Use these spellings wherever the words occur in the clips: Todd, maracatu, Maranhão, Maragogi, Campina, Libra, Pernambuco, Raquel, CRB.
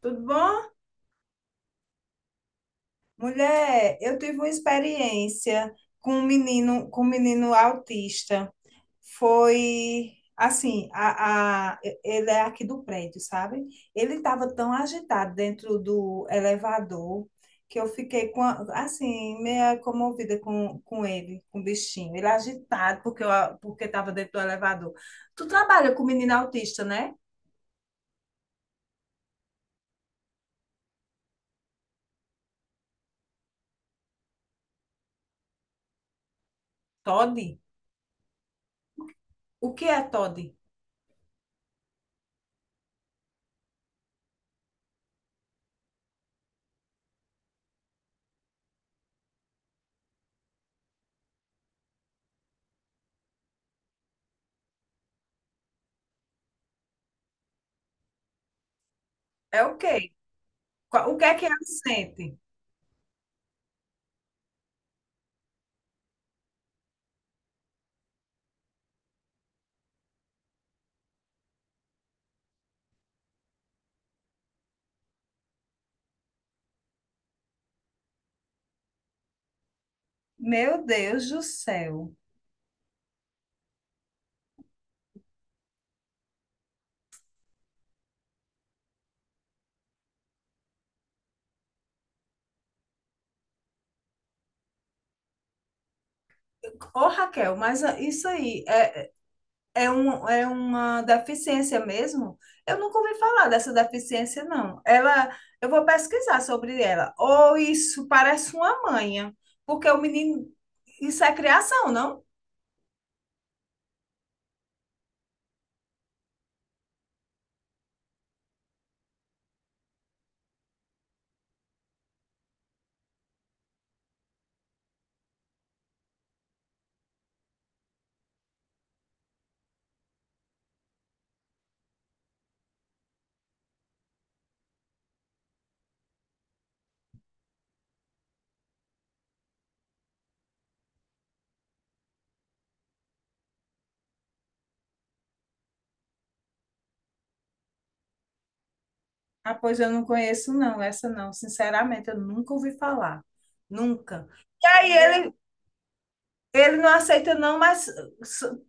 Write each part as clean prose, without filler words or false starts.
Tudo bom? Mulher, eu tive uma experiência com um menino autista. Foi assim, ele é aqui do prédio, sabe? Ele estava tão agitado dentro do elevador que eu fiquei com assim, meio comovida com ele, com o bichinho. Ele agitado porque estava dentro do elevador. Tu trabalha com menino autista, né? Todd? O que é Todd? É o quê? O que é que ele sente? Meu Deus do céu. Ô, Raquel, mas ah, isso aí é, é, um, é uma deficiência mesmo? Eu nunca ouvi falar dessa deficiência, não. Eu vou pesquisar sobre ela. Ou isso parece uma manha, porque o menino, isso é criação, não? Ah, pois eu não conheço, não, essa não. Sinceramente, eu nunca ouvi falar. Nunca. E aí ele não aceita não, mas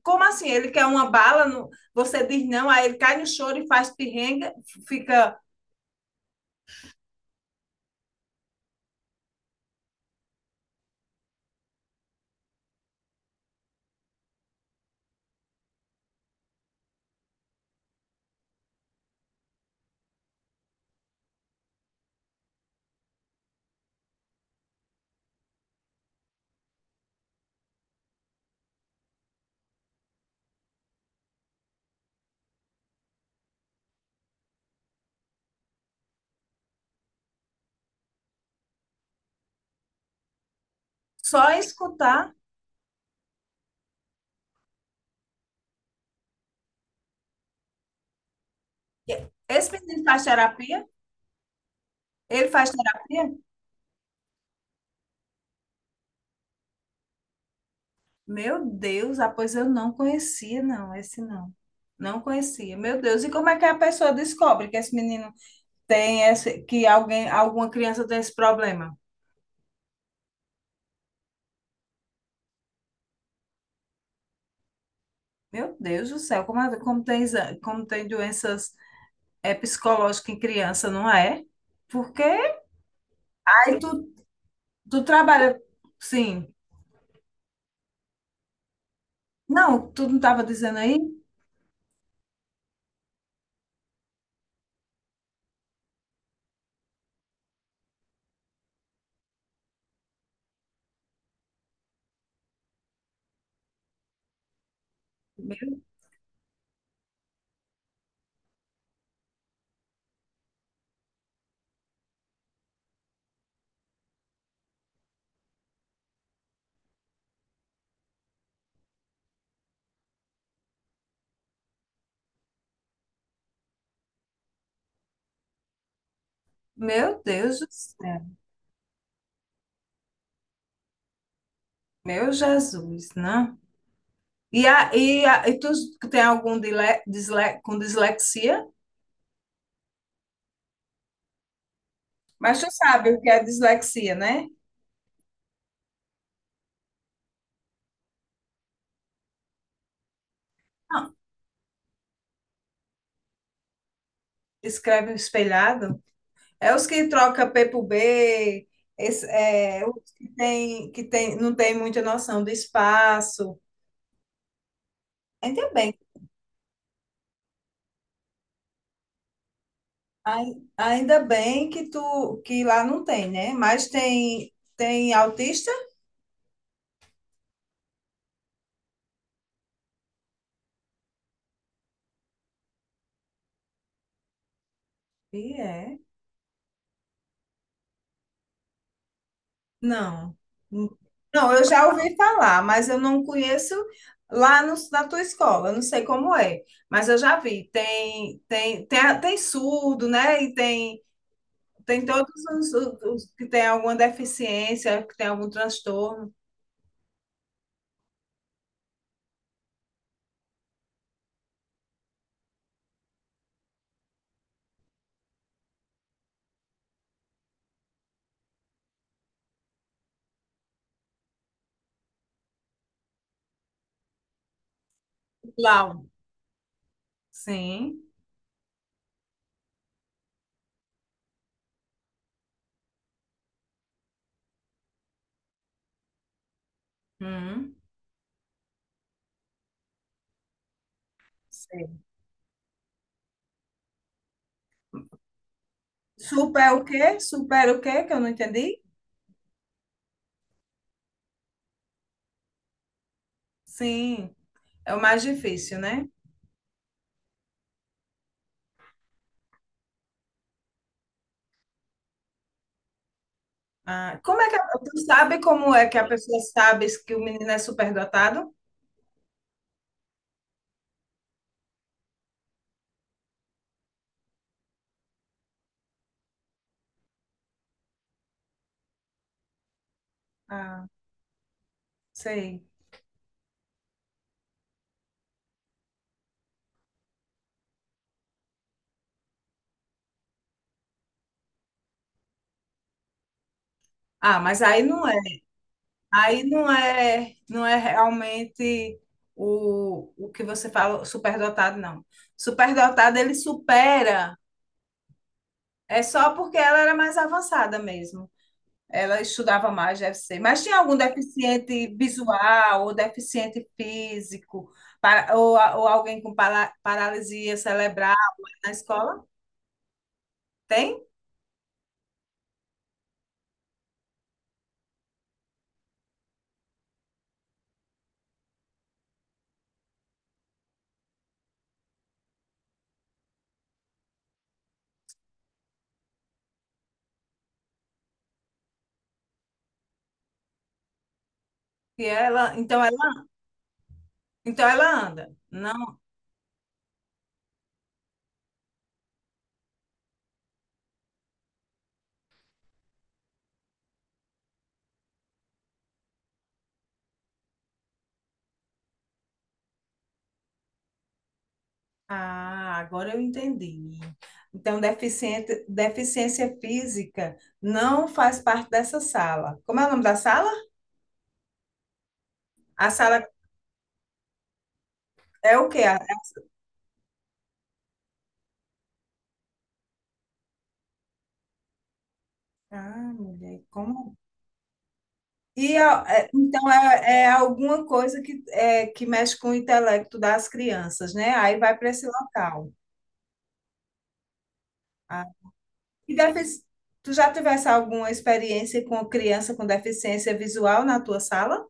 como assim? Ele quer uma bala, você diz não, aí ele cai no choro e faz pirrenga, fica só em escutar. Esse menino faz terapia? Ele faz terapia? Meu Deus, pois eu não conhecia, não, esse não. Não conhecia. Meu Deus, e como é que a pessoa descobre que esse menino tem esse, que alguém, alguma criança tem esse problema? Meu Deus do céu, como tem, como tem doenças psicológicas em criança, não é? Porque aí tu tu trabalha, sim. Não, tu não estava dizendo aí? Meu, meu Deus do céu, meu Jesus, não. E tu tem algum com dislexia? Mas tu sabe o que é dislexia, né? Não. Escreve espelhado. É os que troca P por B, os que tem, não tem muita noção de espaço. Ainda bem, ainda bem que tu que lá não tem, né? Mas tem, tem autista? E é? Não. Não, eu já ouvi falar, mas eu não conheço lá no- na tua escola, eu não sei como é, mas eu já vi. Tem tem surdo, né? E tem tem todos os que têm alguma deficiência, que tem algum transtorno. Clown. Sim. Hum. Sei. Super o quê? Super o quê? Que eu não entendi? Sim, é o mais difícil, né? Ah, como é que a, tu sabe como é que a pessoa sabe que o menino é superdotado? Ah, sei. Ah, mas aí não é. Aí não é, não é realmente o que você fala, superdotado, não. Superdotado, ele supera. É só porque ela era mais avançada mesmo. Ela estudava mais, deve ser. Mas tinha algum deficiente visual ou deficiente físico, ou alguém com paralisia cerebral na escola? Tem? E ela, então ela, então ela anda. Não, ah, agora eu entendi. Então, deficiente, deficiência física não faz parte dessa sala. Como é o nome da sala? A sala é o quê? A- ah, mulher, como? É alguma coisa que que mexe com o intelecto das crianças, né? Aí vai para esse local. Ah, e tu já tivesse alguma experiência com criança com deficiência visual na tua sala?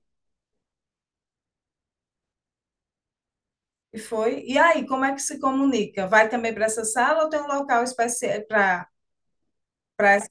E foi. E aí, como é que se comunica? Vai também para essa sala ou tem um local especial para para essa?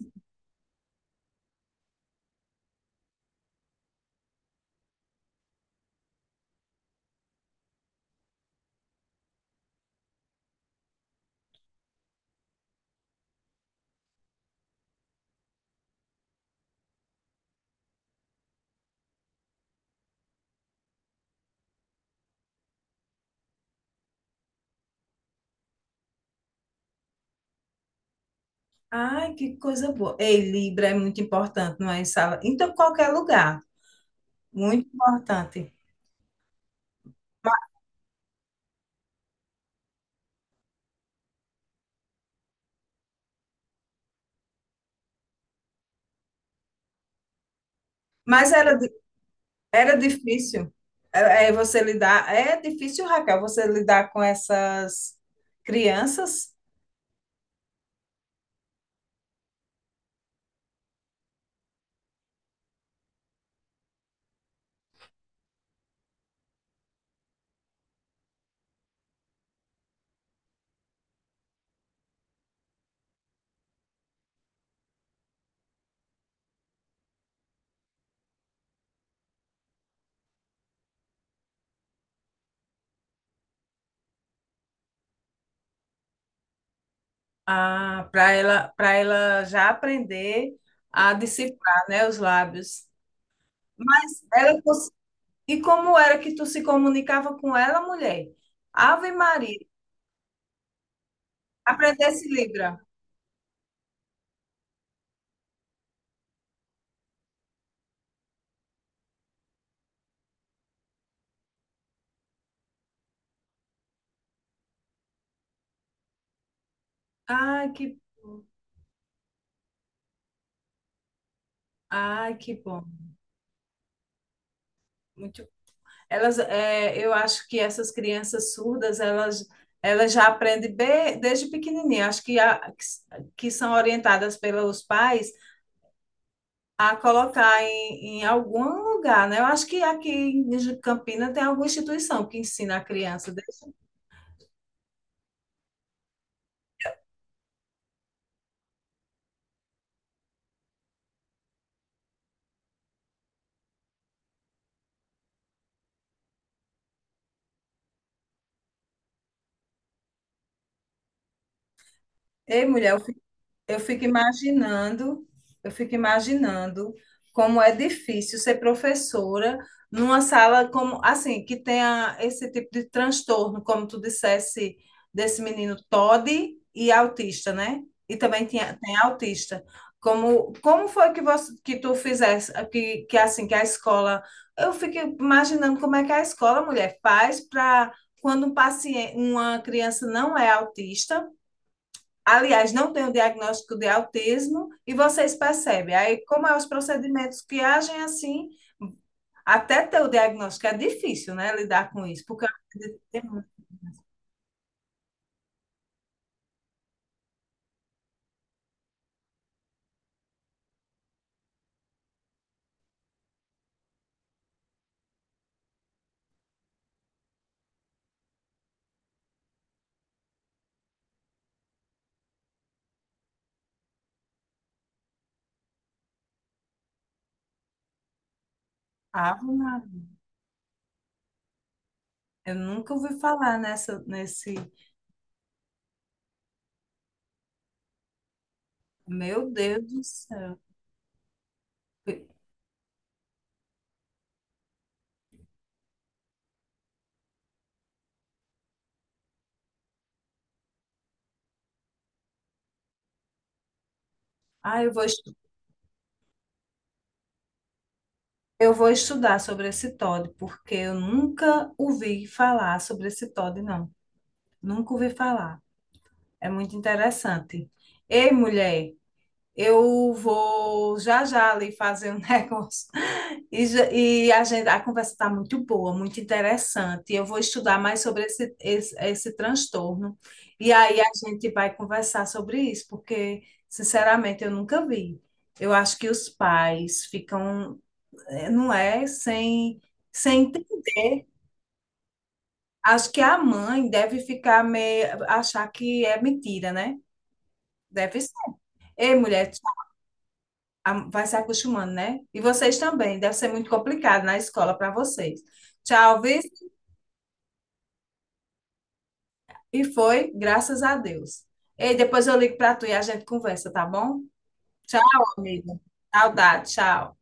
Ai, que coisa boa. Ei, Libra é muito importante, não é em sala? Então, qualquer lugar, muito importante. Mas era, di- era difícil. Você lidar. É difícil, Raquel, você lidar com essas crianças, ah, para ela já aprender a decifrar, né, os lábios. Mas ela, e como era que tu se comunicava com ela, mulher? Ave Maria, aprendesse Libra. Ai, que bom. Ai, que bom. Muito. Eu acho que essas crianças surdas, elas já aprendem desde pequenininha. Acho que são orientadas pelos pais a colocar em algum lugar, né? Eu acho que aqui em Campina tem alguma instituição que ensina a criança. Ei, mulher, eu fico imaginando, eu fico imaginando como é difícil ser professora numa sala como assim, que tenha esse tipo de transtorno, como tu dissesse, desse menino Todd e autista, né? E também tinha, tem autista. Como, como foi que você, que tu fizesse, que assim, que a escola, eu fico imaginando como é que a escola, mulher, faz para quando um paciente, uma criança não é autista, aliás, não tem o diagnóstico de autismo e vocês percebem. Aí, como é os procedimentos que agem assim, até ter o diagnóstico é difícil, né, lidar com isso, porque eu acredito que tem muito. Ave Maria, eu nunca ouvi falar nesse. Meu Deus do céu. Ah, eu vou, estu- eu vou estudar sobre esse Todd, porque eu nunca ouvi falar sobre esse Todd, não. Nunca ouvi falar. É muito interessante. Ei, mulher, eu vou já já ali fazer um negócio. E a gente, a conversa está muito boa, muito interessante. Eu vou estudar mais sobre esse transtorno. E aí a gente vai conversar sobre isso, porque, sinceramente, eu nunca vi. Eu acho que os pais ficam, não é, sem entender. Acho que a mãe deve ficar meio, achar que é mentira, né? Deve ser. Ei, mulher, vai se acostumando, né? E vocês também, deve ser muito complicado na escola para vocês. Tchau, viu? E foi, graças a Deus. Ei, depois eu ligo para tu e a gente conversa, tá bom? Tchau, amiga. Saudade, tchau.